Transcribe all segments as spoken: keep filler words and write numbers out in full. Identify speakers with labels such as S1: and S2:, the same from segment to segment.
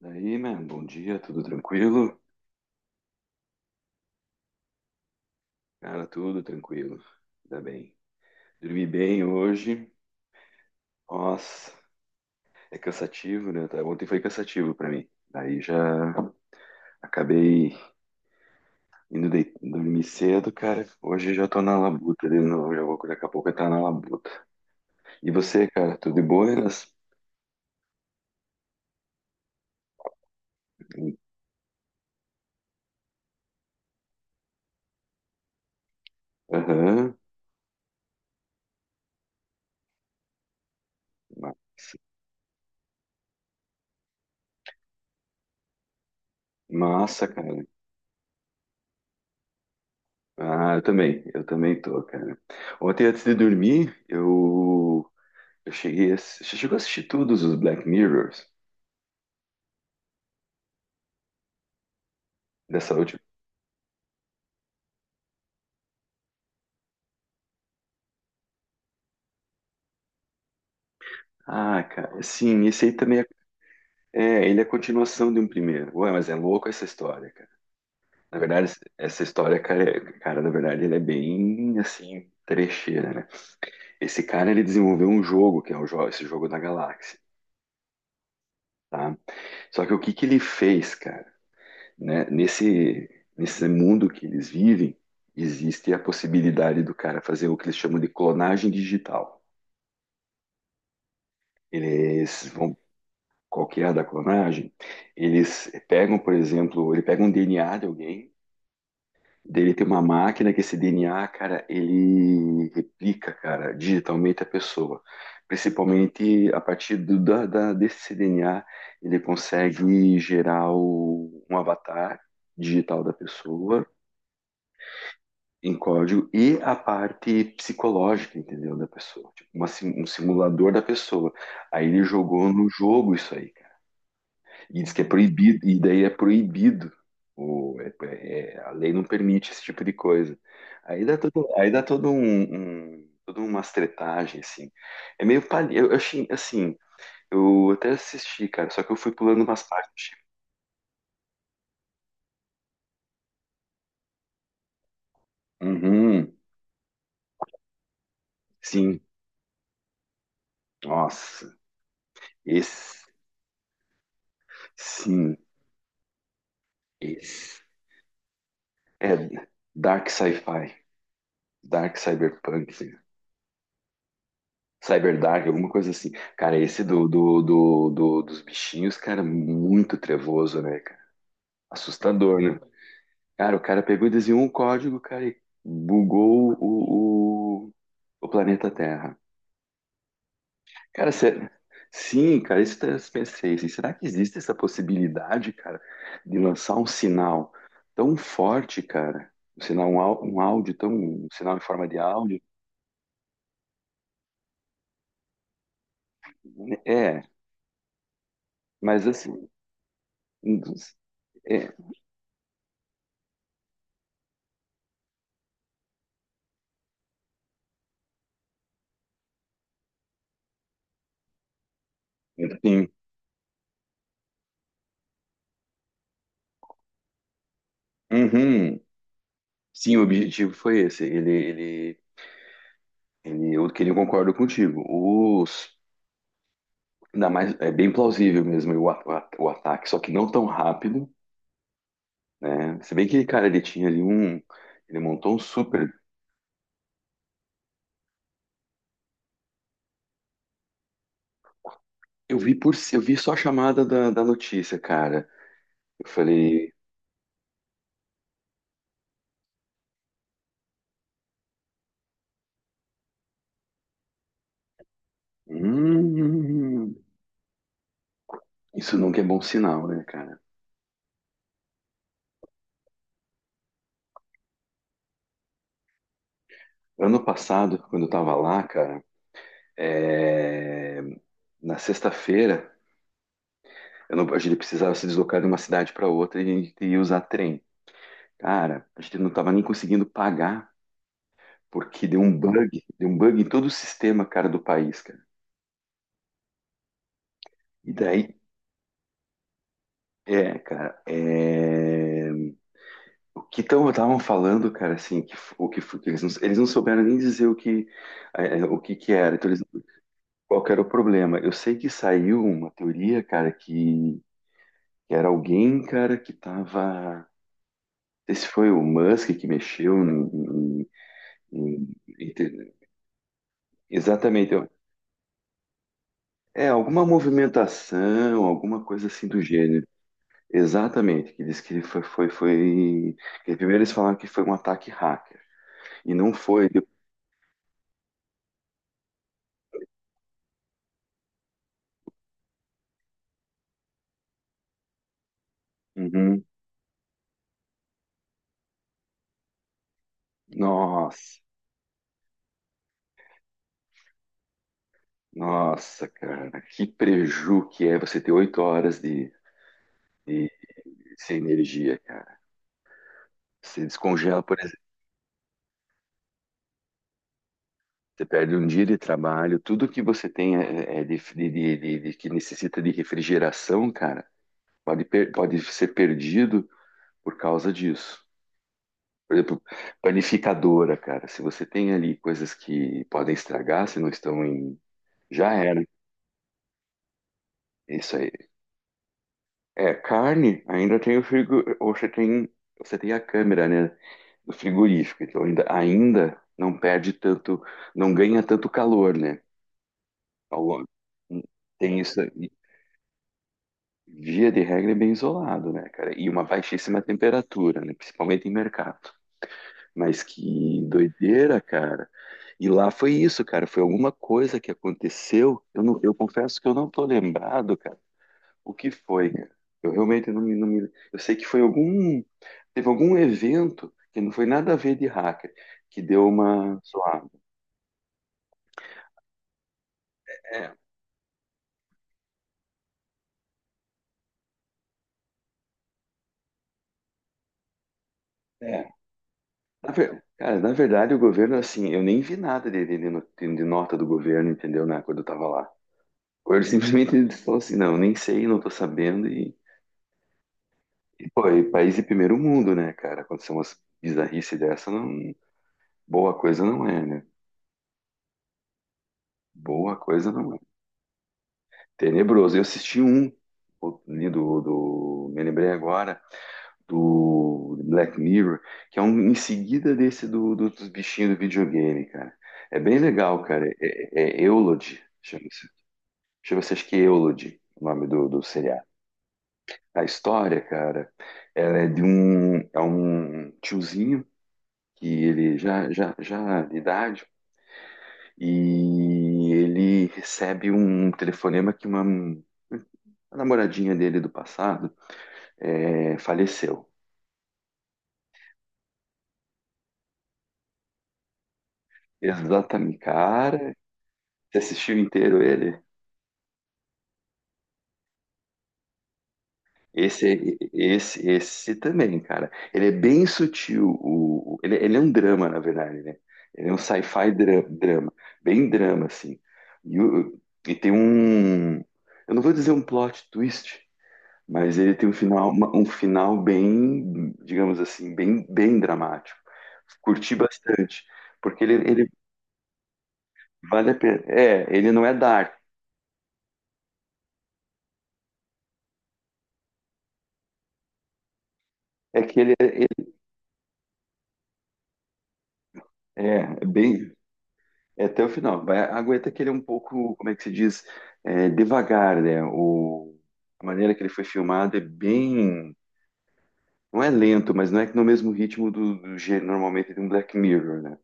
S1: Daí, man, bom dia, tudo tranquilo? Cara, tudo tranquilo, ainda bem. Dormi bem hoje, nossa, é cansativo, né? Tá, ontem foi cansativo pra mim. Daí já acabei indo dei- dormir cedo, cara. Hoje já tô na labuta de novo, já vou daqui a pouco tá na labuta. E você, cara, tudo de buenas? Aham, massa, massa, cara. Ah, eu também, eu também tô, cara. Ontem antes de dormir, eu Eu cheguei a... Você chegou a assistir todos os Black Mirrors dessa última? Ah, cara, sim, esse aí também é, é, ele é a continuação de um primeiro. Ué, mas é louco essa história, cara. Na verdade, esse- essa história, cara, é- cara, na verdade, ele é bem, assim, trecheira, né? Esse cara, ele desenvolveu um jogo, que é o jo- esse jogo da galáxia, tá? Só que o que que ele fez, cara, né? Nesse, nesse mundo que eles vivem, existe a possibilidade do cara fazer o que eles chamam de clonagem digital. Eles vão qualquer da clonagem, eles pegam, por exemplo, ele pega um D N A de alguém, dele tem uma máquina que esse D N A, cara, ele replica, cara, digitalmente a pessoa. Principalmente a partir do, da, da- desse D N A, ele consegue gerar o- um avatar digital da pessoa em código e a parte psicológica, entendeu, da pessoa, tipo uma sim- um simulador da pessoa. Aí ele jogou no jogo isso aí. E diz que é proibido, e daí é proibido. O, é- é- é, A lei não permite esse tipo de coisa. Aí dá todo, aí dá todo um, um toda uma tretagem, assim. É meio palha. Eu, eu achei, assim, eu até assisti, cara, só que eu fui pulando umas partes. Uhum, sim. Nossa, esse, sim, esse. É, dark sci-fi, dark cyberpunk, cyberdark, alguma coisa assim. Cara, esse do, do, do, do- dos bichinhos, cara, muito trevoso, né, cara? Assustador, né? Cara, o cara pegou e desenhou um código, cara, e bugou o, o, o planeta Terra. Cara, cê- sim, cara, isso tá, eu pensei, assim, será que existe essa possibilidade, cara, de lançar um sinal tão forte, cara? Um sinal, um, au- um áudio tão, um sinal em forma de áudio? É, mas assim, é, enfim. Uhum. Sim, o objetivo foi esse. Ele, ele, ele, eu, que ele concordo contigo. Os, ainda mais, é bem plausível mesmo o, a- o a- o ataque, só que não tão rápido, né? Se bem que, cara, ele tinha ali um, ele montou um super. Eu vi por, ci- eu vi só a chamada da, da notícia, cara. Eu falei, hum, isso nunca é bom sinal, né, cara? Ano passado, quando eu tava lá, cara, é, na sexta-feira, eu não- a gente precisava se deslocar de uma cidade para outra e, e usar trem. Cara, a gente não tava nem conseguindo pagar, porque deu um bug, deu um bug em todo o sistema, cara, do país, cara. E daí, é, cara, é... o que estavam falando, cara, assim, que, f- o que, f- que eles, não, eles não souberam nem dizer o que, é, é, o que que era, então eles, qual que era o problema. Eu sei que saiu uma teoria, cara, que, que era alguém, cara, que tava, não sei se foi o Musk que mexeu em, em- em- em- ter- exatamente, é, alguma movimentação, alguma coisa assim do gênero. Exatamente, que diz que foi, foi, foi. Que primeiro eles falaram que foi um ataque hacker. E não foi. de- Uhum. Nossa, nossa, cara, que preju que é você ter oito horas de, de- sem energia, cara. Você descongela, por exemplo, você perde um dia de trabalho, tudo que você tem é, é é de, de- de- de- de- que necessita de refrigeração, cara, pode, per- pode ser perdido por causa disso. Por exemplo, panificadora, cara. Se você tem ali coisas que podem estragar, se não estão em. Já era. É isso aí. É, carne, ainda tem o frigo. Ou você tem, você tem a câmera, né? Do frigorífico. Então ainda, ainda não perde tanto. Não ganha tanto calor, né? Ao longo. Tem isso aí. Via de regra é bem isolado, né, cara? E uma baixíssima temperatura, né? Principalmente em mercado. Mas que doideira, cara. E lá foi isso, cara. Foi alguma coisa que aconteceu. Eu, não, eu confesso que eu não tô lembrado, cara. O que foi, cara? Eu realmente não me, não me. Eu sei que foi algum. Teve algum evento que não foi nada a ver de hacker, que deu uma zoada. É, é. Na ver- Cara, na verdade, o governo, assim, eu nem vi nada de, de, de no- de nota do governo, entendeu, né, quando eu tava lá. Ou ele simplesmente falou assim: não, nem sei, não tô sabendo, e E, pô, e país de primeiro mundo, né, cara? Acontecer umas bizarrice dessa, não... boa coisa não é, né? Boa coisa não é. Tenebroso. Eu assisti um, o- ali do, do... me lembrei agora, do Black Mirror, que é um em seguida desse do, do- dos bichinhos do videogame, cara. É bem legal, cara. É, é Eulogy, chama-se. Chama-se, acho que Eulogy, o nome do, do seriado. A história, cara, ela é de um, é um tiozinho que ele já, já, já de idade, e ele recebe um telefonema que uma, a namoradinha dele do passado é, faleceu. Exatamente, cara. Você assistiu inteiro ele? Esse, esse, esse também, cara. Ele é bem sutil. O, o- ele, ele é um drama, na verdade, né? Ele é um sci-fi dra- drama, bem drama, assim. E, o- e tem um, eu não vou dizer um plot twist, mas ele tem um final, uma- um final bem, digamos assim, bem, bem dramático. Curti bastante, porque ele, ele vale a pena. É, ele não é dark, é que ele, ele- é é bem é até o final. Vai, aguenta que ele é um pouco, como é que se diz, é, devagar, né? O, a maneira que ele foi filmado é bem não é lento, mas não é que no mesmo ritmo do, do gê- normalmente de um Black Mirror, né?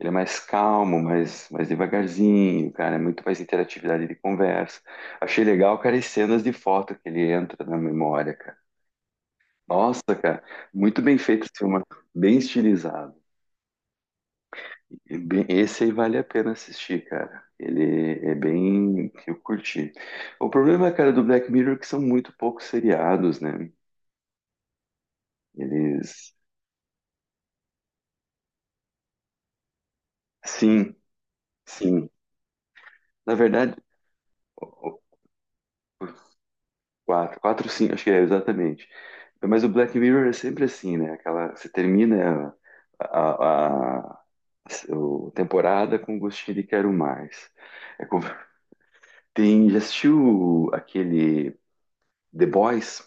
S1: Ele é mais calmo, mais, mais devagarzinho, cara, é muito mais interatividade de conversa. Achei legal, cara, as cenas de foto que ele entra na memória, cara. Nossa, cara, muito bem feito esse filme, bem estilizado. E bem- esse aí vale a pena assistir, cara. Ele é bem, eu curti. O problema, cara, do Black Mirror é que são muito poucos seriados, né? Eles, sim, sim. Na verdade, quatro, quatro, cinco, acho que é, exatamente. Mas o Black Mirror é sempre assim, né? Aquela, você termina a, a, a- o- temporada com gostinho de quero mais. É como- tem, já assistiu aquele The Boys?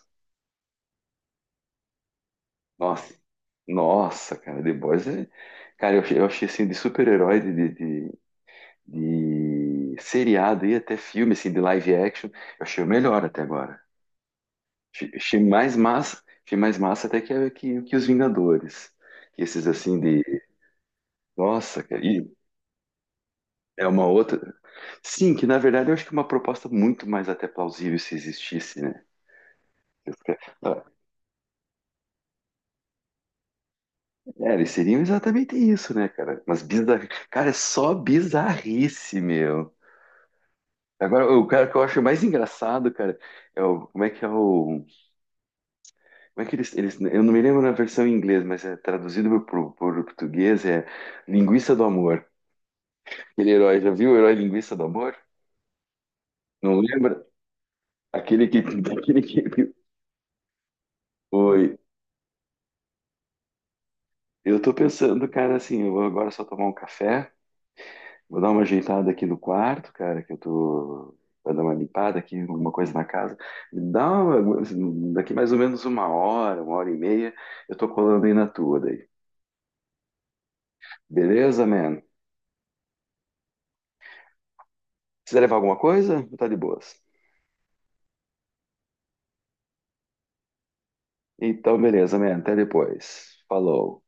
S1: Nossa, nossa, cara, The Boys é... Cara, eu, achei- eu achei assim de super-herói, de, de, de, de seriado e até filme, assim, de live action, eu achei o melhor até agora. Achei achei mais massa, achei mais massa até que, que, que os Vingadores. Esses assim de. Nossa, cara, e é uma outra. Sim, que na verdade eu acho que é uma proposta muito mais até plausível se existisse, né? Eu fica- ah, é, eles seriam exatamente isso, né, cara? Mas bizarro. Cara, é só bizarrice, meu. Agora, o cara que eu acho mais engraçado, cara, é o. Como é que é o. Como é que eles. Eles eu não me lembro na versão em inglês, mas é traduzido para o português, é Linguiça do Amor. Aquele herói, já viu o herói linguiça do amor? Não lembra? Aquele que, aquele que... Oi. Eu tô pensando, cara, assim, eu vou agora só tomar um café, vou dar uma ajeitada aqui no quarto, cara, que eu tô... Vai dar uma limpada aqui, alguma coisa na casa. Dá uma... Daqui mais ou menos uma hora, uma hora e meia, eu tô colando aí na tua daí. Beleza, man? Precisa levar alguma coisa? Tá de boas. Então, beleza, man. Até depois. Falou.